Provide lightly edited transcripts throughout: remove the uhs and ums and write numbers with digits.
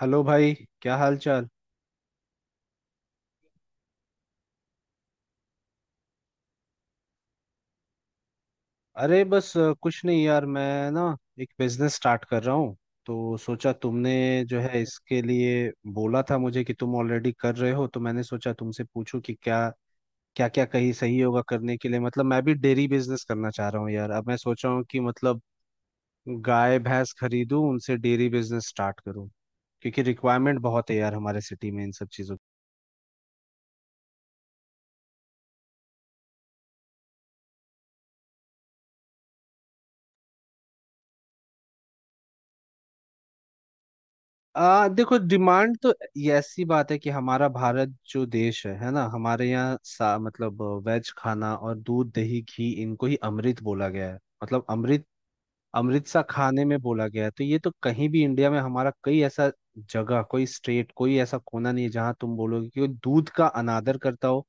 Hello भाई। क्या हाल चाल। अरे बस कुछ नहीं यार। मैं ना एक बिजनेस स्टार्ट कर रहा हूँ। तो सोचा तुमने जो है इसके लिए बोला था मुझे कि तुम ऑलरेडी कर रहे हो, तो मैंने सोचा तुमसे पूछूं कि क्या क्या क्या कहीं सही होगा करने के लिए। मतलब मैं भी डेयरी बिजनेस करना चाह रहा हूँ यार। अब मैं सोच रहा हूँ कि मतलब गाय भैंस खरीदूं, उनसे डेयरी बिजनेस स्टार्ट करूँ। क्योंकि रिक्वायरमेंट बहुत है यार हमारे सिटी में इन सब चीज़ों। देखो डिमांड तो, ये ऐसी बात है कि हमारा भारत जो देश है ना, हमारे यहाँ सा मतलब वेज खाना और दूध दही घी, इनको ही अमृत बोला गया है। मतलब अमृत, अमृत सा खाने में बोला गया है। तो ये तो कहीं भी इंडिया में हमारा, कई ऐसा जगह कोई स्टेट कोई ऐसा कोना नहीं है जहाँ तुम बोलोगे कि दूध का अनादर करता हो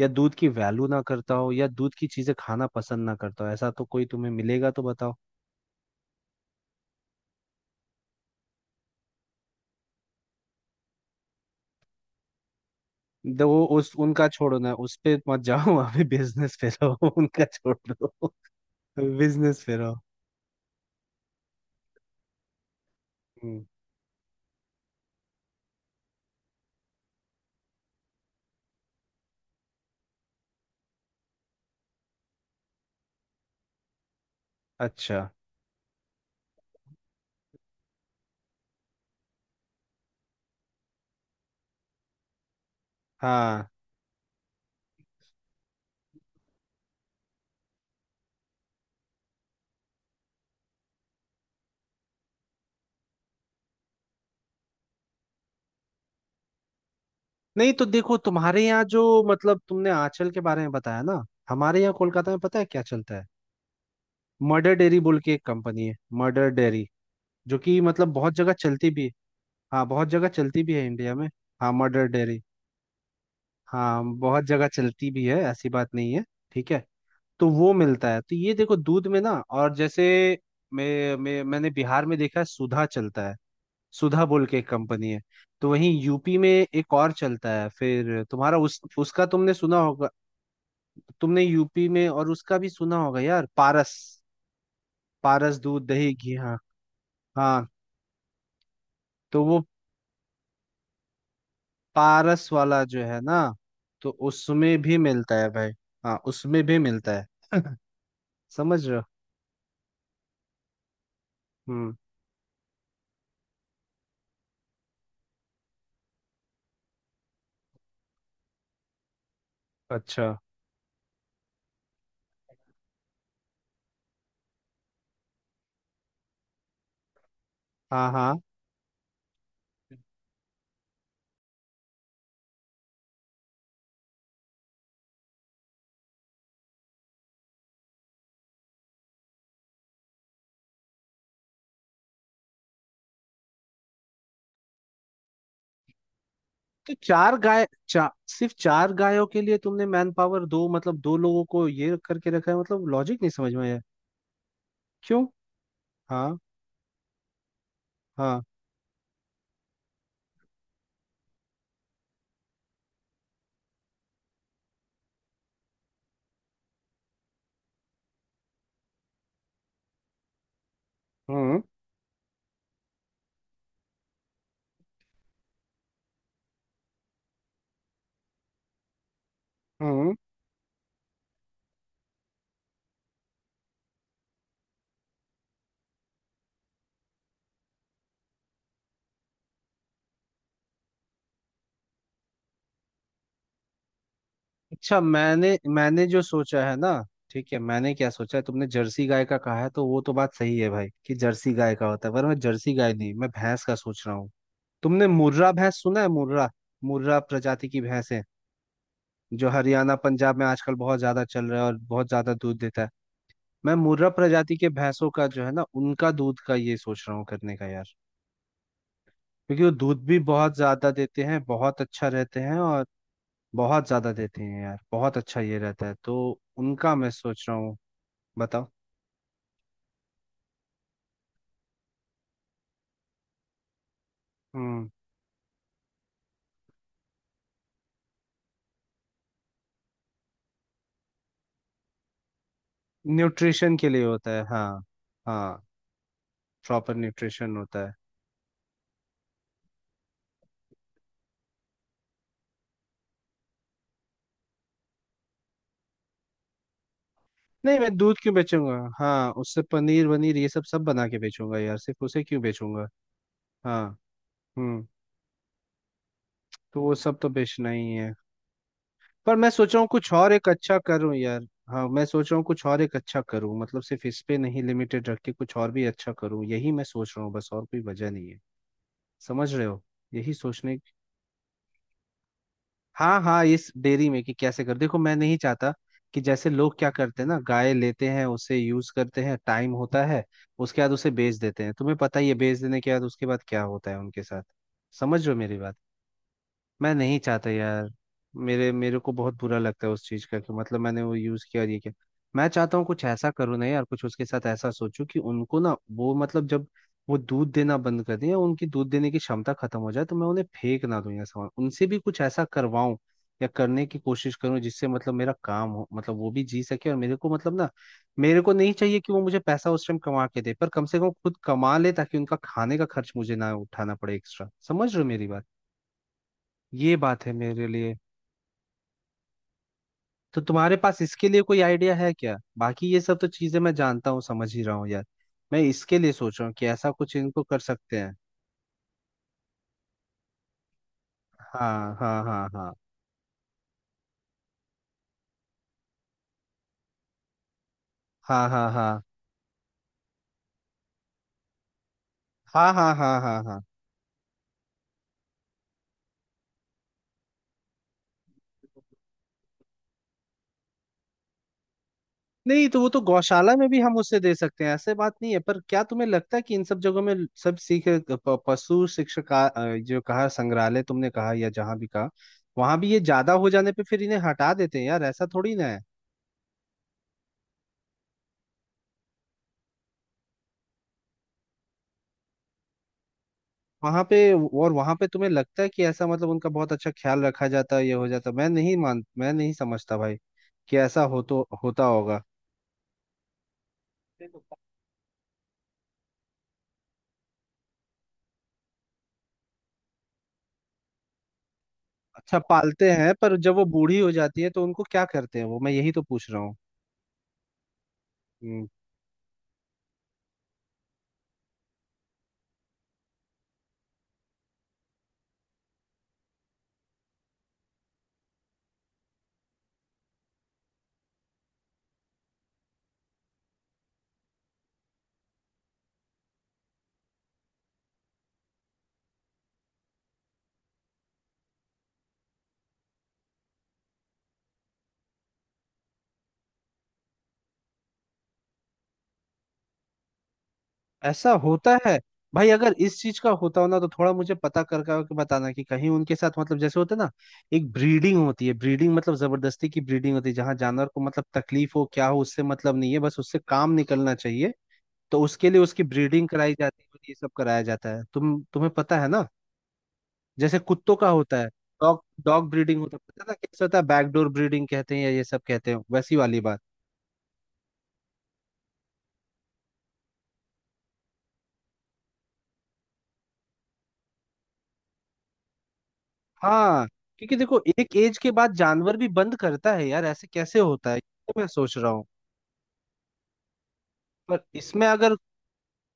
या दूध की वैल्यू ना करता हो या दूध की चीजें खाना पसंद ना करता हो। ऐसा तो कोई तुम्हें मिलेगा तो बताओ। दो वो उस उनका छोड़ो ना, उस पे मत जाओ। अभी बिजनेस पे रहो। उनका छोड़ दो, बिजनेस पे रहो। हम्म। अच्छा। हाँ। नहीं तो देखो तुम्हारे यहाँ जो, मतलब तुमने आंचल के बारे में बताया ना, हमारे यहाँ कोलकाता में पता है क्या चलता है? मर्डर डेयरी बोल के एक कंपनी है, मर्डर डेयरी, जो कि मतलब बहुत जगह चलती भी है। हाँ बहुत जगह चलती भी है इंडिया में। हाँ मर्डर डेयरी। हाँ बहुत जगह चलती भी है, ऐसी बात नहीं है। ठीक है। तो वो मिलता है। तो ये देखो दूध में ना, और जैसे मैंने बिहार में देखा है, सुधा चलता है। सुधा बोल के एक कंपनी है। तो वहीं यूपी में एक और चलता है, फिर तुम्हारा उस उसका तुमने सुना होगा। तुमने यूपी में और उसका भी सुना होगा यार, पारस। पारस दूध दही घी। हाँ हाँ। तो वो पारस वाला जो है ना, तो उसमें भी मिलता है भाई। हाँ उसमें भी मिलता है। समझ रहे हो। हम्म। अच्छा। हाँ। हाँ। तो सिर्फ चार गायों के लिए तुमने मैन पावर दो, मतलब दो लोगों को ये करके रखा है, मतलब लॉजिक नहीं समझ में आया। क्यों। हाँ। हाँ। हम्म। हम्म। अच्छा। मैंने मैंने जो सोचा है ना, ठीक है, मैंने क्या सोचा है, तुमने जर्सी गाय का कहा है तो वो तो बात सही है भाई कि जर्सी गाय का होता है, पर मैं जर्सी गाय नहीं, मैं भैंस का सोच रहा हूँ। तुमने मुर्रा भैंस सुना है, मुर्रा? मुर्रा प्रजाति की भैंस है जो हरियाणा पंजाब में आजकल बहुत ज्यादा चल रहा है और बहुत ज्यादा दूध देता है। मैं मुर्रा प्रजाति के भैंसों का जो है ना, उनका दूध का ये सोच रहा हूँ करने का यार। क्योंकि वो दूध भी बहुत ज्यादा देते हैं, बहुत अच्छा रहते हैं और बहुत ज्यादा देते हैं यार, बहुत अच्छा ये रहता है तो। उनका मैं सोच रहा हूँ। बताओ। हम्म। न्यूट्रिशन के लिए होता है, हाँ। हाँ। प्रॉपर न्यूट्रिशन होता है। नहीं, मैं दूध क्यों बेचूंगा? हाँ, उससे पनीर वनीर ये सब सब बना के बेचूंगा यार, सिर्फ उसे क्यों बेचूंगा? हाँ। हम्म। तो वो सब तो बेचना ही है। पर मैं सोच रहा हूँ कुछ और एक अच्छा करूँ यार। हाँ मैं सोच रहा हूँ कुछ और एक अच्छा करूँ, मतलब सिर्फ इस पे नहीं लिमिटेड रख के कुछ और भी अच्छा करूँ, यही मैं सोच रहा हूँ, बस और कोई वजह नहीं है। समझ रहे हो। यही सोचने। हाँ हाँ, इस डेयरी में कि कैसे कर, देखो मैं नहीं चाहता कि जैसे लोग क्या करते हैं ना, गाय लेते हैं, उसे यूज करते हैं, टाइम होता है, उसके बाद उसे बेच देते हैं। तुम्हें पता ही है बेच देने के बाद उसके बाद क्या होता है उनके साथ। समझ रहे हो मेरी बात। मैं नहीं चाहता यार। मेरे मेरे को बहुत बुरा लगता है उस चीज़ का, कि मतलब मैंने वो यूज़ किया और ये किया। मैं चाहता हूँ कुछ ऐसा करूँ ना यार, कुछ उसके साथ ऐसा सोचूं कि उनको ना, वो मतलब जब वो दूध देना बंद कर दें या उनकी दूध देने की क्षमता खत्म हो जाए तो मैं उन्हें फेंक ना दूं, या सामान उनसे भी कुछ ऐसा करवाऊं या करने की कोशिश करूं जिससे मतलब मेरा काम हो, मतलब वो भी जी सके और मेरे को मतलब ना, मेरे को नहीं चाहिए कि वो मुझे पैसा उस टाइम कमा के दे, पर कम से कम खुद कमा ले ताकि उनका खाने का खर्च मुझे ना उठाना पड़े एक्स्ट्रा। समझ रहे हो मेरी बात। ये बात है मेरे लिए। तो तुम्हारे पास इसके लिए कोई आइडिया है क्या? बाकी ये सब तो चीजें मैं जानता हूँ, समझ ही रहा हूँ यार। मैं इसके लिए सोच रहा हूँ कि ऐसा कुछ इनको कर सकते हैं। हाँ, हाँ, हाँ, हाँ, हाँ, हाँ, हाँ, हाँ, हाँ, हाँ, हाँ, हाँ। नहीं तो वो तो गौशाला में भी हम उसे दे सकते हैं, ऐसे बात नहीं है, पर क्या तुम्हें लगता है कि इन सब जगहों में, सब सीख पशु शिक्षक जो कहा, संग्रहालय तुमने कहा या जहाँ भी कहा, वहां भी ये ज्यादा हो जाने पे फिर इन्हें हटा देते हैं यार, ऐसा थोड़ी ना है। वहां पे, और वहां पे तुम्हें लगता है कि ऐसा, मतलब उनका बहुत अच्छा ख्याल रखा जाता है ये हो जाता? मैं नहीं मान, मैं नहीं समझता भाई कि ऐसा हो तो होता होगा। अच्छा पालते हैं, पर जब वो बूढ़ी हो जाती है तो उनको क्या करते हैं वो, मैं यही तो पूछ रहा हूँ। हम्म। ऐसा होता है? भाई अगर इस चीज का होता हो ना, तो थोड़ा मुझे पता कर करके बताना कि कहीं उनके साथ मतलब जैसे होता है ना, एक ब्रीडिंग होती है, ब्रीडिंग मतलब जबरदस्ती की ब्रीडिंग होती है, जहाँ जानवर को मतलब तकलीफ हो क्या हो उससे मतलब नहीं है, बस उससे काम निकलना चाहिए। तो उसके लिए उसकी ब्रीडिंग कराई जाती है, ये सब कराया जाता है, तुम्हें पता है ना। जैसे कुत्तों का होता है, डॉग डॉग ब्रीडिंग होता है, पता है ना कैसे होता है, बैकडोर ब्रीडिंग कहते हैं या ये सब कहते हैं, वैसी वाली बात। हाँ। क्योंकि देखो एक एज के बाद जानवर भी बंद करता है यार, ऐसे कैसे होता है ये। तो मैं सोच रहा हूँ, पर इसमें अगर,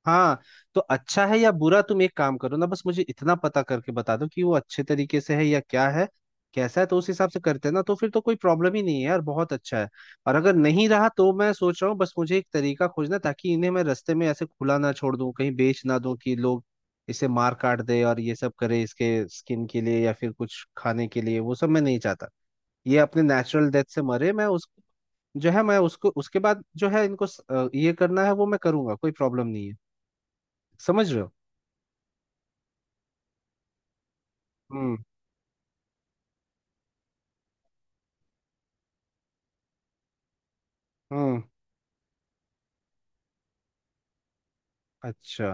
हाँ तो अच्छा है या बुरा, तुम एक काम करो ना, बस मुझे इतना पता करके बता दो कि वो अच्छे तरीके से है या क्या है, कैसा है, तो उस हिसाब से करते हैं ना, तो फिर तो कोई प्रॉब्लम ही नहीं है यार, बहुत अच्छा है। और अगर नहीं रहा तो मैं सोच रहा हूँ, बस मुझे एक तरीका खोजना है, ताकि इन्हें मैं रास्ते में ऐसे खुला ना छोड़ दूँ, कहीं बेच ना दूँ कि लोग इसे मार काट दे और ये सब करे इसके स्किन के लिए या फिर कुछ खाने के लिए, वो सब मैं नहीं चाहता। ये अपने नेचुरल डेथ से मरे, मैं उस जो है, मैं उसको उसके बाद जो है इनको ये करना है वो मैं करूंगा, कोई प्रॉब्लम नहीं है। समझ रहे हो। हम्म। हम्म। अच्छा।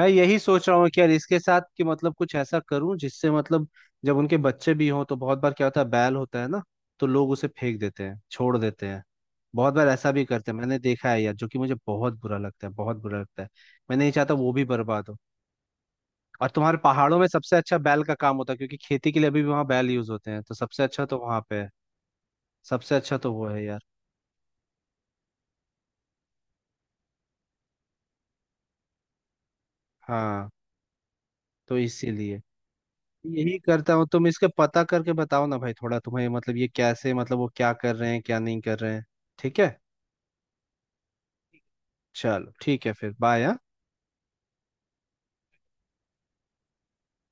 मैं यही सोच रहा हूँ कि यार इसके साथ कि मतलब कुछ ऐसा करूं जिससे मतलब जब उनके बच्चे भी हों तो बहुत बार क्या होता है, बैल होता है ना, तो लोग उसे फेंक देते हैं, छोड़ देते हैं, बहुत बार ऐसा भी करते हैं, मैंने देखा है यार, जो कि मुझे बहुत बुरा लगता है, बहुत बुरा लगता है। मैं नहीं चाहता वो भी बर्बाद हो। और तुम्हारे पहाड़ों में सबसे अच्छा बैल का काम होता है क्योंकि खेती के लिए अभी भी वहाँ बैल यूज होते हैं, तो सबसे अच्छा तो वहाँ पे है। सबसे अच्छा तो वो है यार। हाँ, तो इसीलिए यही करता हूँ, तुम इसके पता करके बताओ ना भाई, थोड़ा तुम्हें मतलब ये कैसे, मतलब वो क्या कर रहे हैं क्या नहीं कर रहे हैं। ठीक है। चलो ठीक है फिर, बाय।